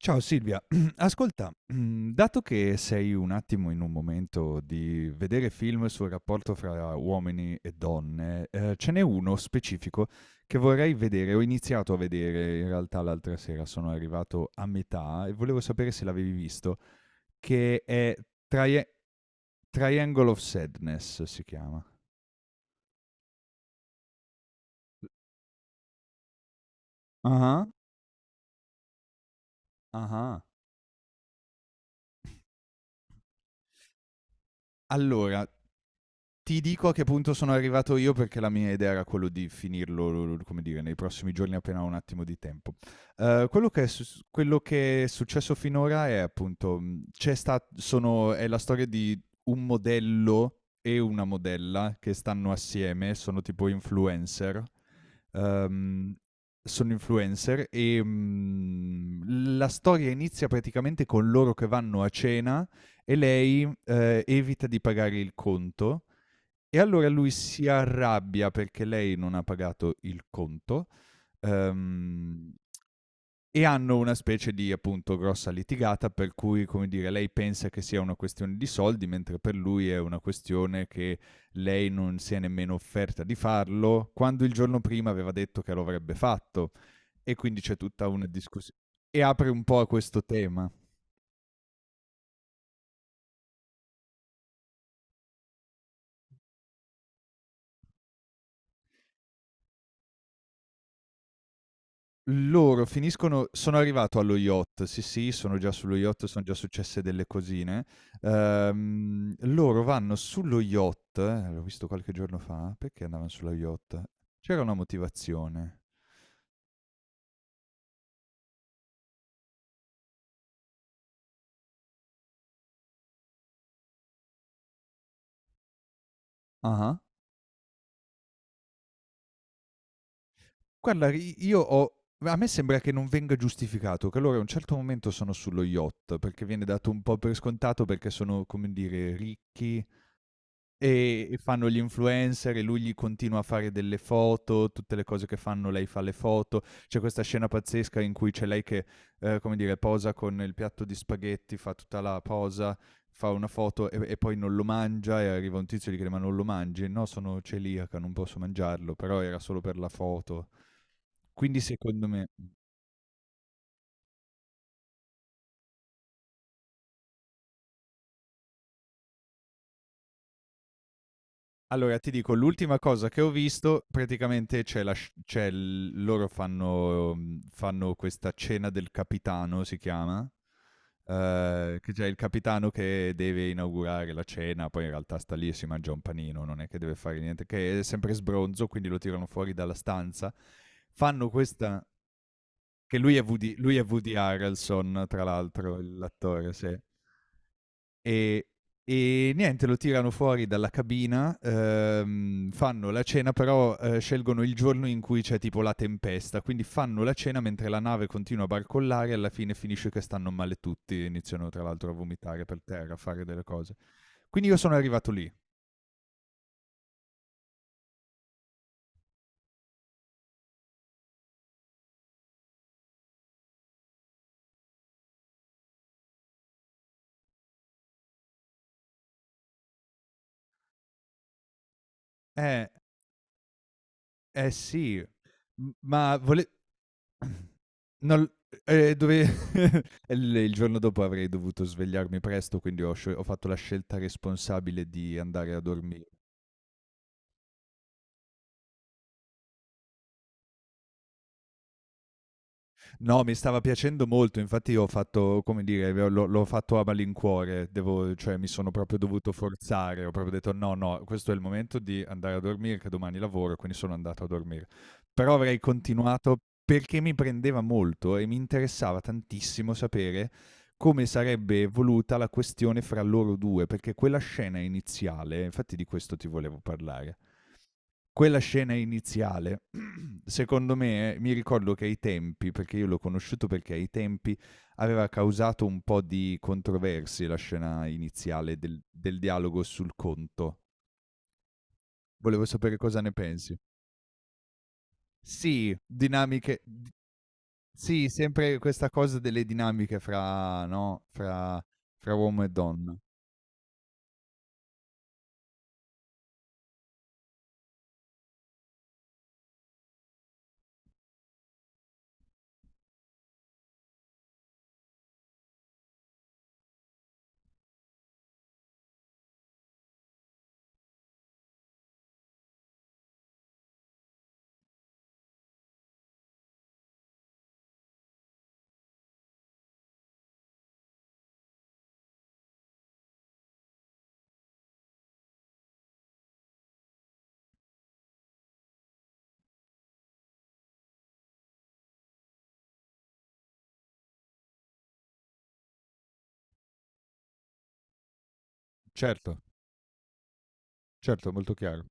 Ciao Silvia, ascolta, dato che sei un attimo in un momento di vedere film sul rapporto fra uomini e donne, ce n'è uno specifico che vorrei vedere. Ho iniziato a vedere in realtà l'altra sera, sono arrivato a metà e volevo sapere se l'avevi visto, che è Trie Triangle of Sadness, si chiama. Mh. Ah-ah, ah-ah. Allora, ti dico a che punto sono arrivato io, perché la mia idea era quello di finirlo, come dire, nei prossimi giorni, appena ho un attimo di tempo. Quello che è successo finora è, appunto, mhmm, c'è sta sono è la storia di un modello e una modella che stanno assieme, sono tipo influencer. Ehm, sono influencer e, la storia inizia praticamente con loro che vanno a cena e lei, evita di pagare il conto, e allora lui si arrabbia perché lei non ha pagato il conto, ehm, e hanno una specie di, appunto, grossa litigata, per cui, come dire, lei pensa che sia una questione di soldi, mentre per lui è una questione che lei non si è nemmeno offerta di farlo, quando il giorno prima aveva detto che lo avrebbe fatto. E quindi c'è tutta una discussio e apre un po' a questo tema. Loro finiscono Sono arrivato allo yacht, sì, sì, sono già sullo yacht, son già successe delle cosine. Loro vanno sullo yacht, l'ho visto qualche giorno fa, perché andavan sullo yacht? C'era una motivazione. Ah-ah. Guarda, i io ho a me sembra che non venga giustificato, che loro a un certo momento sono sullo yacht, perché viene dato un po' per scontato, perché sono, come dire, ricchi. E fanno gli influencer, e lui gli continua a fare delle foto, tutte le cose che fanno lei fa le foto. C'è questa scena pazzesca in cui c'è lei che, come dire, posa con il piatto di spaghetti, fa tutta la posa, fa una foto e poi non lo mangia, e arriva un tizio e gli chiede: "Ma non lo mangi?" "No, sono celiaca, non posso mangiarlo", però era solo per la foto. Quindi, secondo me. Allora, ti dico, l'ultima cosa che ho visto praticamente, c'è la sc c'è l loro fanno mhmm, fanno questa cena del capitano, si chiama, che c'è il capitano che deve inaugurare la cena, poi in realtà sta lì e si mangia un panino, non è che deve fare niente, che è sempre sbronzo, quindi lo tirano fuori dalla stanza. Fanno questa che lui è Woody Harrelson, tra l'altro, l'attore, sì. E e niente, lo tirano fuori dalla cabina, fanno la cena, però scelgono il giorno in cui c'è tipo la tempesta, quindi fanno la cena mentre la nave continua a barcollare, e alla fine finisce che stanno male tutti, iniziano tra l'altro a vomitare per terra, a fare delle cose. Quindi io sono arrivato lì. Eh, eh sì, ma vole... non- dove... il giorno dopo avrei dovuto svegliarmi presto, quindi ho fatto la scelta responsabile di andare a dormire. No, mi stava piacendo molto, infatti ho fatto, come dire, l'ho fatto a malincuore, devo cioè mi sono proprio dovuto forzare, ho proprio detto: "No, no, questo è il momento di andare a dormire che domani lavoro", quindi sono andato a dormire. Però avrei continuato perché mi prendeva molto e mi interessava tantissimo sapere come sarebbe evoluta la questione fra loro due, perché quella scena iniziale, infatti, di questo ti volevo parlare. Quella scena iniziale Secondo me, mi ricordo che ai tempi, perché io l'ho conosciuto, perché ai tempi aveva causato un po' di controversie la scena iniziale del dialogo sul conto. Volevo sapere cosa ne pensi. Sì, dinamiche d sì, sempre questa cosa delle dinamiche fra no, fra uomo e donna. Certo, certo, molto chiaro.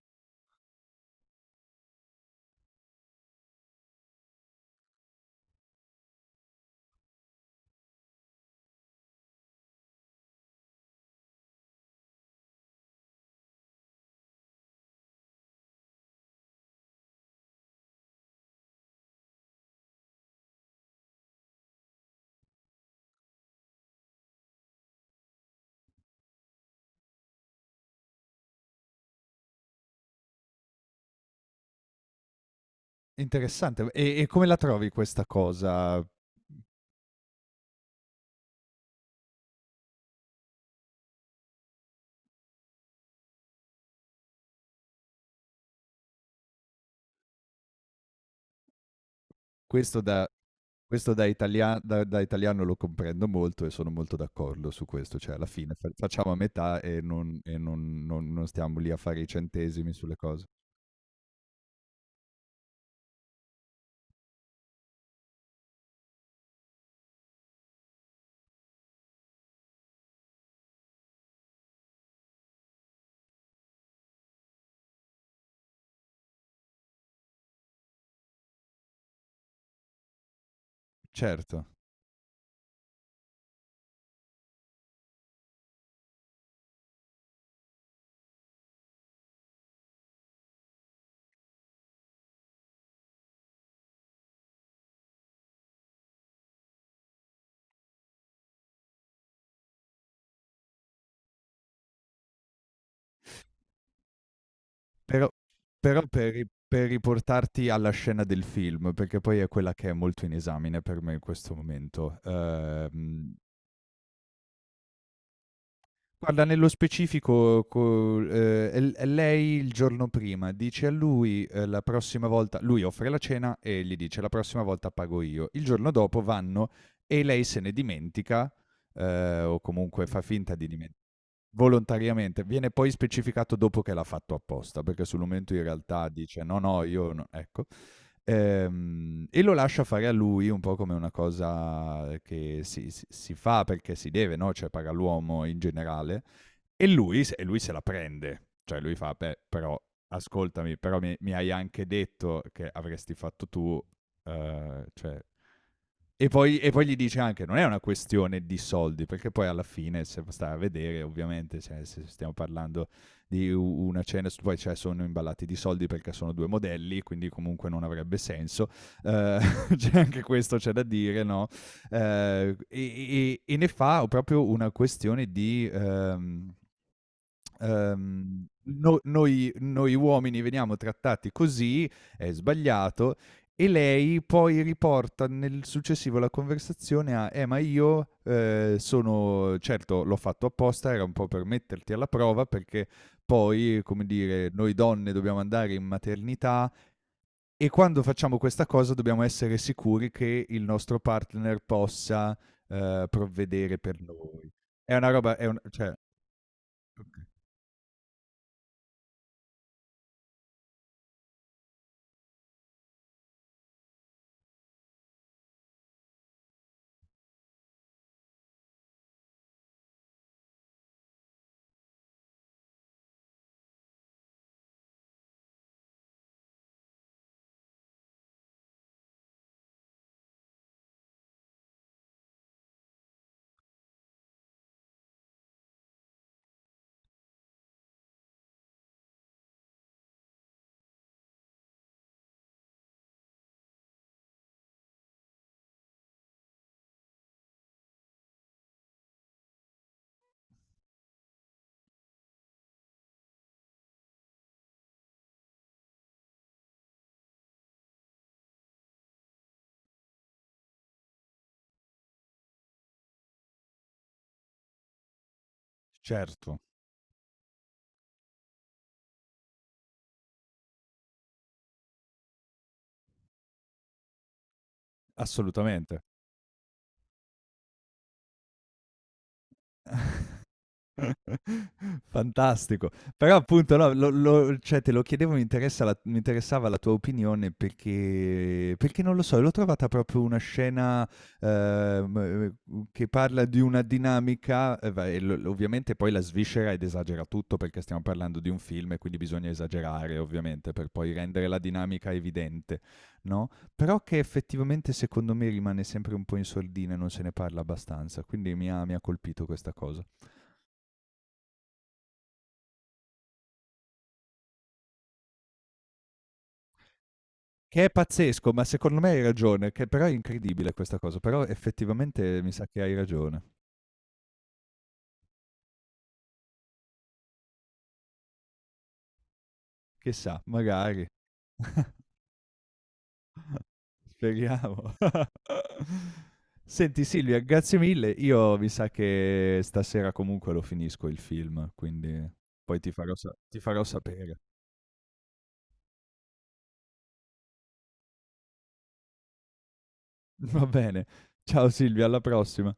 Interessante. E come la trovi questa cosa? Questo da Questo da italiano lo comprendo molto, e sono molto d'accordo su questo, cioè alla fine fa facciamo a metà, e non stiamo lì a fare i centesimi sulle cose. Certo, però però per riportarti alla scena del film, perché poi è quella che è molto in esame per me in questo momento, ehm. Guarda, nello specifico, co è lei il giorno prima, dice a lui, la prossima volta lui offre la cena e gli dice: "La prossima volta pago io". Il giorno dopo vanno, e lei se ne dimentica, o comunque fa finta di dimen Volontariamente, viene poi specificato dopo che l'ha fatto apposta, perché sul momento in realtà dice: "No, no, io no", ecco. E lo lascia fare a lui un po' come una cosa che si fa perché si deve, no, cioè paga l'uomo, in generale, e lui se la prende. Cioè lui fa: "Beh, però ascoltami, però mi hai anche detto che avresti fatto tu", cioè, e poi gli dice anche, non è una questione di soldi, perché poi alla fine, se stai a vedere, ovviamente, cioè, se stiamo parlando di una cena, poi cioè, sono imballati di soldi perché sono due modelli, quindi comunque non avrebbe senso. Eh, c'è anche questo, c'è da dire, no? Eh, e, e ne fa proprio una questione di... no, noi uomini veniamo trattati così, è sbagliato, e lei poi riporta nel successivo la conversazione a: ma io, sono certo l'ho fatto apposta, era un po' per metterti alla prova, perché poi, come dire, noi donne dobbiamo andare in maternità, e quando facciamo questa cosa dobbiamo essere sicuri che il nostro partner possa, provvedere per noi". È una roba è un cioè Okay, certo. Assolutamente. Fantastico. Però, appunto, no, lo lo cioè te lo chiedevo, mi interessava la tua opinione, perché non lo so, l'ho trovata proprio una scena, che parla di una dinamica, e va e l ovviamente poi la sviscera ed esagera tutto, perché stiamo parlando di un film e quindi bisogna esagerare, ovviamente, per poi rendere la dinamica evidente, no, però che effettivamente, secondo me, rimane sempre un po' in sordina e non se ne parla abbastanza, quindi mi ha colpito questa cosa. Che è pazzesco, ma secondo me hai ragione, che però è incredibile questa cosa, però effettivamente mi sa che hai ragione. Chissà, magari. Speriamo. Senti Silvia, grazie mille. Io mi sa che stasera comunque lo finisco il film, quindi poi ti farò sapere. Va bene. Ciao Silvia, alla prossima.